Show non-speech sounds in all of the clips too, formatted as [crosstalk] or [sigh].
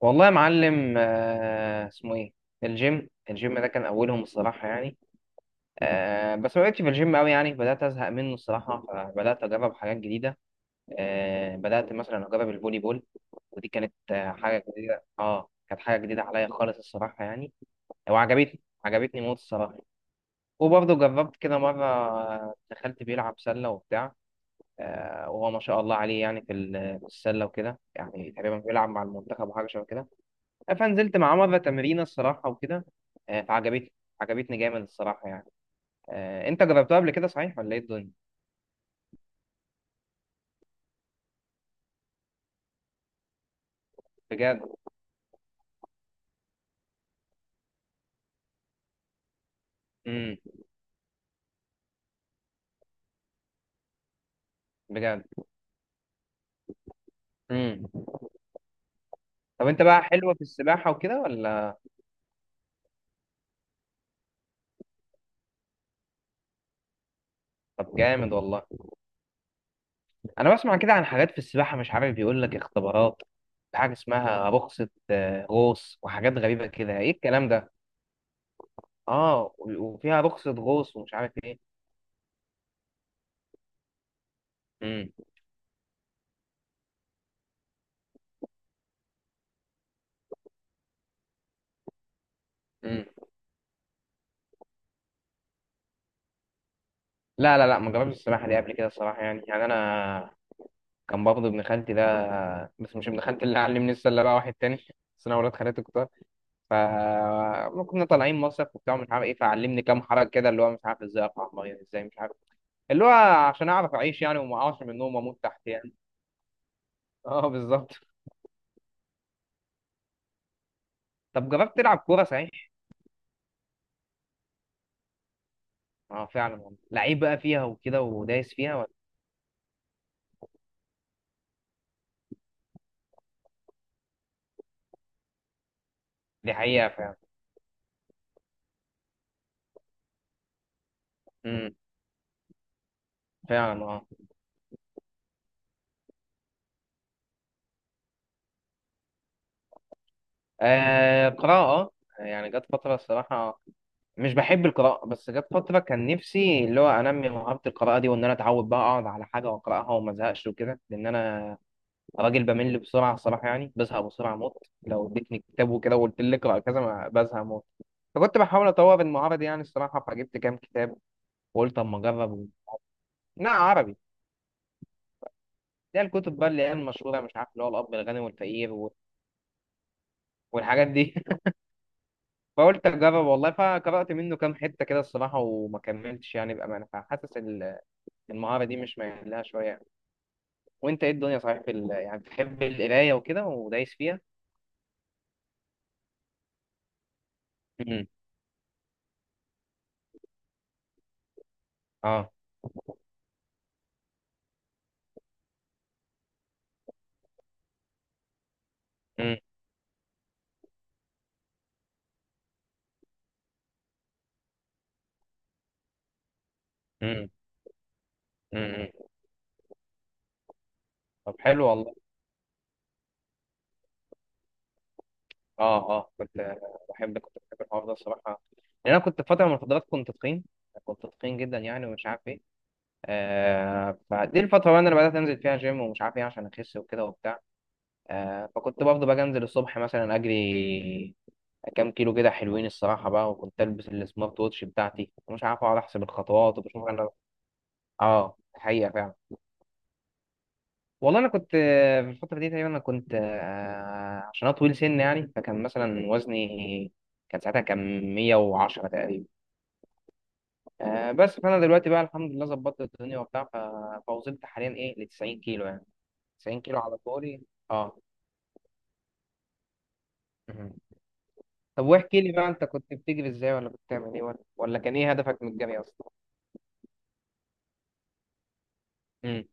والله يا معلم، اسمه ايه؟ الجيم الجيم ده كان اولهم الصراحه يعني. بس ما بقتش في الجيم قوي يعني، بدات ازهق منه الصراحه فبدات اجرب حاجات جديده. بدات مثلا اجرب الفولي بول. ودي كانت حاجه جديده، كانت حاجه جديده عليا خالص الصراحه يعني. وعجبتني، عجبتني موت الصراحه. وبرضه جربت كده مره، دخلت بيلعب سله وبتاع. وهو ما شاء الله عليه يعني، في السله وكده يعني تقريبا بيلعب مع المنتخب وحاجه شبه كده. فنزلت مع مرة تمرين الصراحة وكده. فعجبتني، عجبتني جامد الصراحة يعني. انت جربتها قبل كده صحيح ولا ايه الدنيا؟ بجد. امم. بجد. امم. طب انت بقى حلوة في السباحة وكده ولا؟ طب جامد والله. انا بسمع كده عن حاجات في السباحة، مش عارف بيقول لك اختبارات، حاجة اسمها رخصة غوص وحاجات غريبة كده، ايه الكلام ده؟ اه، وفيها رخصة غوص ومش عارف ايه. امم، امم. لا لا لا، ما جربتش السباحة دي قبل كده الصراحة يعني انا كان برضه ابن خالتي ده. بس مش ابن خالتي اللي علمني السله بقى، واحد تاني [laughs] بس انا ولاد خالتي كتار. ف ما كنا طالعين مصيف وبتاع مش عارف ايه، فعلمني كام حركه كده، اللي هو مش عارف ازاي اقع الميه، ازاي مش عارف، اللي هو عشان اعرف اعيش يعني، وما اقعش من النوم واموت تحت يعني. [laughs] اه، بالظبط. طب جربت تلعب كوره صحيح؟ اه، فعلا والله، لعيب بقى فيها وكده ودايس فيها ولا؟ دي حقيقه فعلا. امم، فعلا اه. قراءه. يعني جت فتره الصراحه، مش بحب القراءة، بس جت فترة كان نفسي اللي هو أنمي مهارة القراءة دي، وإن أنا أتعود بقى أقعد على حاجة وأقرأها وما أزهقش وكده، لأن أنا راجل بمل بسرعة الصراحة يعني، بزهق بسرعة موت. لو اديتني كتاب وكده وقلت لي اقرأ كذا ما بزهق موت. فكنت بحاول أطور المهارة دي يعني الصراحة، فجبت كام كتاب وقلت أما أجرب. لا، عربي. ده الكتب بقى اللي هي المشهورة، مش عارف، اللي هو الأب الغني والفقير و... والحاجات دي. [laughs] فقلت أجرب والله، فقرأت منه كام حتة كده الصراحة وما كملتش يعني بأمانة، فحاسس المهارة دي مش مايل لها شوية. وانت ايه الدنيا صحيح يعني بتحب القرايه وكده ودايس فيها؟ امم، اه، امم، امم، امم. طب حلو والله. اه، اه، كنت كنت بحب الحوار ده الصراحه. لان انا كنت في فتره من الفترات كنت تخين، كنت تخين جدا يعني ومش عارف ايه. فدي الفتره بقى اللي انا بدات انزل فيها جيم ومش عارف ايه عشان اخس وكده وبتاع. فكنت برضه بقى انزل الصبح مثلا اجري كام كيلو كده حلوين الصراحه بقى، وكنت البس السمارت ووتش بتاعتي ومش عارف، اقعد احسب الخطوات وبشوف انا. اه، حقيقه فعلا. والله انا كنت في الفتره دي تقريبا، انا كنت عشان انا طويل سن يعني، فكان مثلا وزني كان ساعتها كان 110 تقريبا. بس فانا دلوقتي بقى الحمد لله ظبطت الدنيا وبتاع، فوصلت حاليا ايه ل 90 كيلو يعني. 90 كيلو على طولي. اه. مهم. طب واحكي لي بقى، انت كنت بتجري ازاي ولا كنت بتعمل ايه ولا كان ايه هدفك من الجري اصلا؟ امم،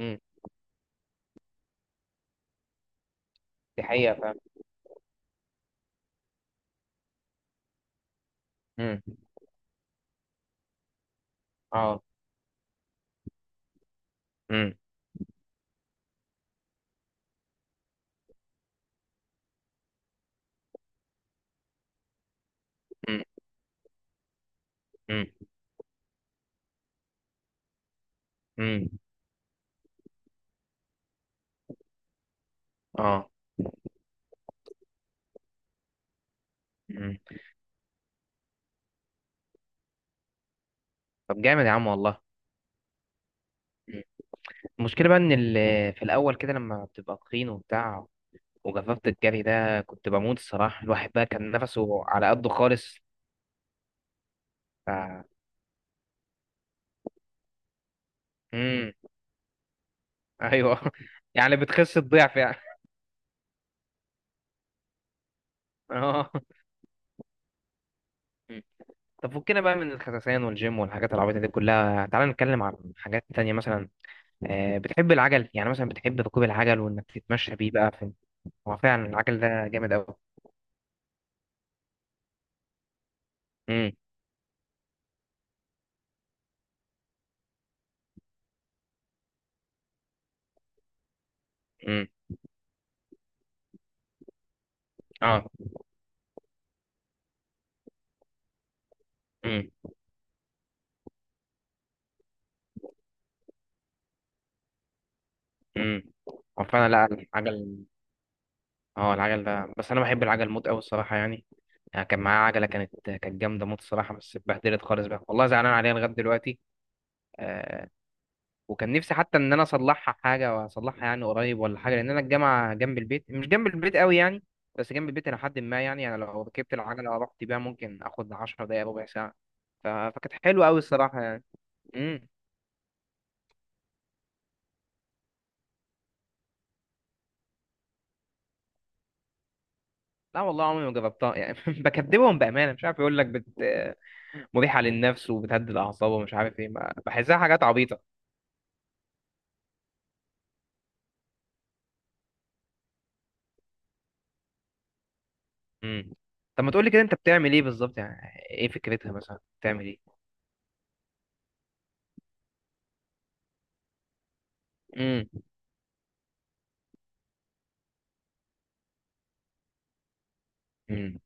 امم. دي حقيقه فاهم. امم، اه، امم، امم، امم، امم، اه، امم. طب جامد يا عم والله. المشكلة بقى إن في الأول كده لما بتبقى تخين وبتاع وجففت الجري ده، كنت بموت الصراحة، الواحد بقى كان نفسه على قده خالص. ف مم. أيوه [laughs] يعني بتخس الضعف يعني [laughs] اه. مم. طب فكنا بقى من الخساسين والجيم والحاجات العبيطة دي كلها، تعالى نتكلم عن حاجات تانية مثلا. بتحب العجل يعني مثلا، بتحب ركوب العجل وإنك تتمشى بيه بقى في؟ هو فعلا العجل ده جامد أوي. مم. مم. اه. مم. مم. هو فعلا، لا، العجل، اه العجل ده، بس انا بحب العجل موت قوي الصراحه يعني. يعني كان معايا عجله كانت جامده موت الصراحه، بس اتبهدلت خالص بقى، والله زعلان عليها لغايه دلوقتي. آه وكان نفسي حتى ان انا اصلحها حاجه، واصلحها يعني قريب ولا حاجه، لان انا الجامعه جنب البيت، مش جنب البيت قوي يعني، بس جنب البيت الى حد ما يعني، انا لو ركبت العجله ورحت بيها ممكن اخد 10 دقائق ربع ساعه. فكانت حلوه قوي الصراحه يعني. امم. لا والله عمري ما جربتها يعني [laughs] بكدبهم بامانه، مش عارف، يقول لك مريحه للنفس وبتهدي الاعصاب ومش عارف ايه، بحسها حاجات عبيطه. امم. طب ما تقولي كده انت بتعمل ايه بالظبط يعني، ايه فكرتها مثلا، بتعمل ايه؟ امم، امم،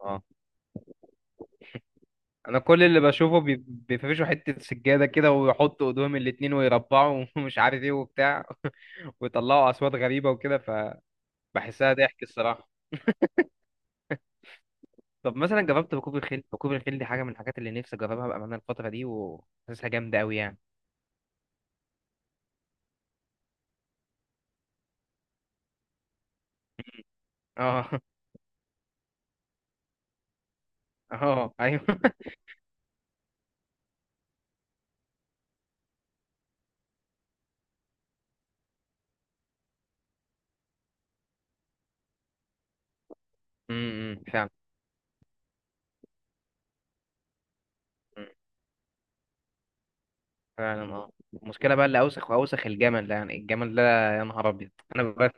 اه. انا كل اللي بشوفه بيفرشوا حتة سجادة كده ويحطوا ايدهم الاتنين ويربعوا [laughs] ومش عارف ايه وبتاع [laughs] ويطلعوا اصوات غريبة وكده، فبحسها ضحك الصراحة. طب مثلا جربت ركوب الخيل؟ ركوب الخيل دي حاجة من الحاجات اللي نفسي اجربها بأمانة الفترة دي، وحاسسها جامدة قوي يعني. اه. [laughs] اه، ايوه [laughs] امم، فعلا. مم. فعلا اه. المشكلة بقى اللي اوسخ واوسخ الجمل ده يعني الجمل ده، يا نهار ابيض. انا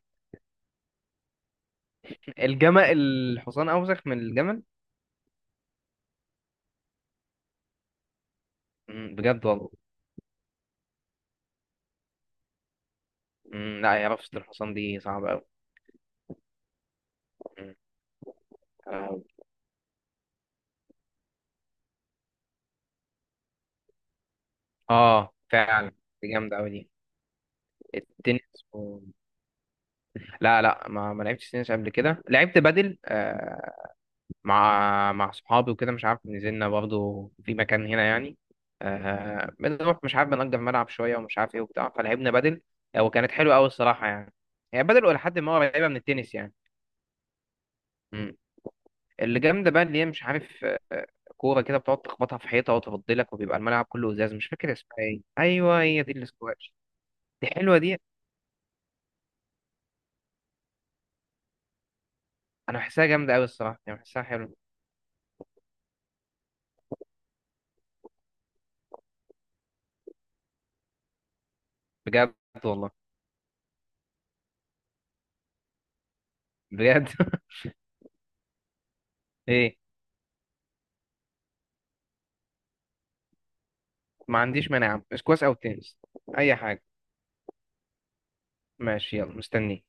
الحصان أوسخ من الجمل. مم، بجد والله. مم، لا، هي رفسة الحصان دي صعبة أوي. مم. فعلا، دي جامدة أوي دي. التنس و... لا لا، ما لعبتش تنس قبل كده، لعبت بدل. مع صحابي وكده، مش عارف نزلنا برضو في مكان هنا يعني. بنروح مش عارف بنأجر ملعب شوية ومش عارف إيه وبتاع، فلعبنا بدل. وكانت حلوة أوي الصراحة يعني. هي بدل إلى حد ما قريبة من التنس يعني. اللي جامده بقى اللي هي مش عارف، آه، كوره كده بتقعد تخبطها في حيطه وتفضلك، وبيبقى الملعب كله ازاز، مش فاكر اسمها ايه، ايوه هي دي الاسكواش. دي حلوه دي، انا بحسها جامده قوي الصراحه يعني، بحسها حلوه. بجد والله. بجد [laughs] ايه. ما عنديش مانع، اسكواش او تنس، اي حاجه. ماشي، يلا مستنيك.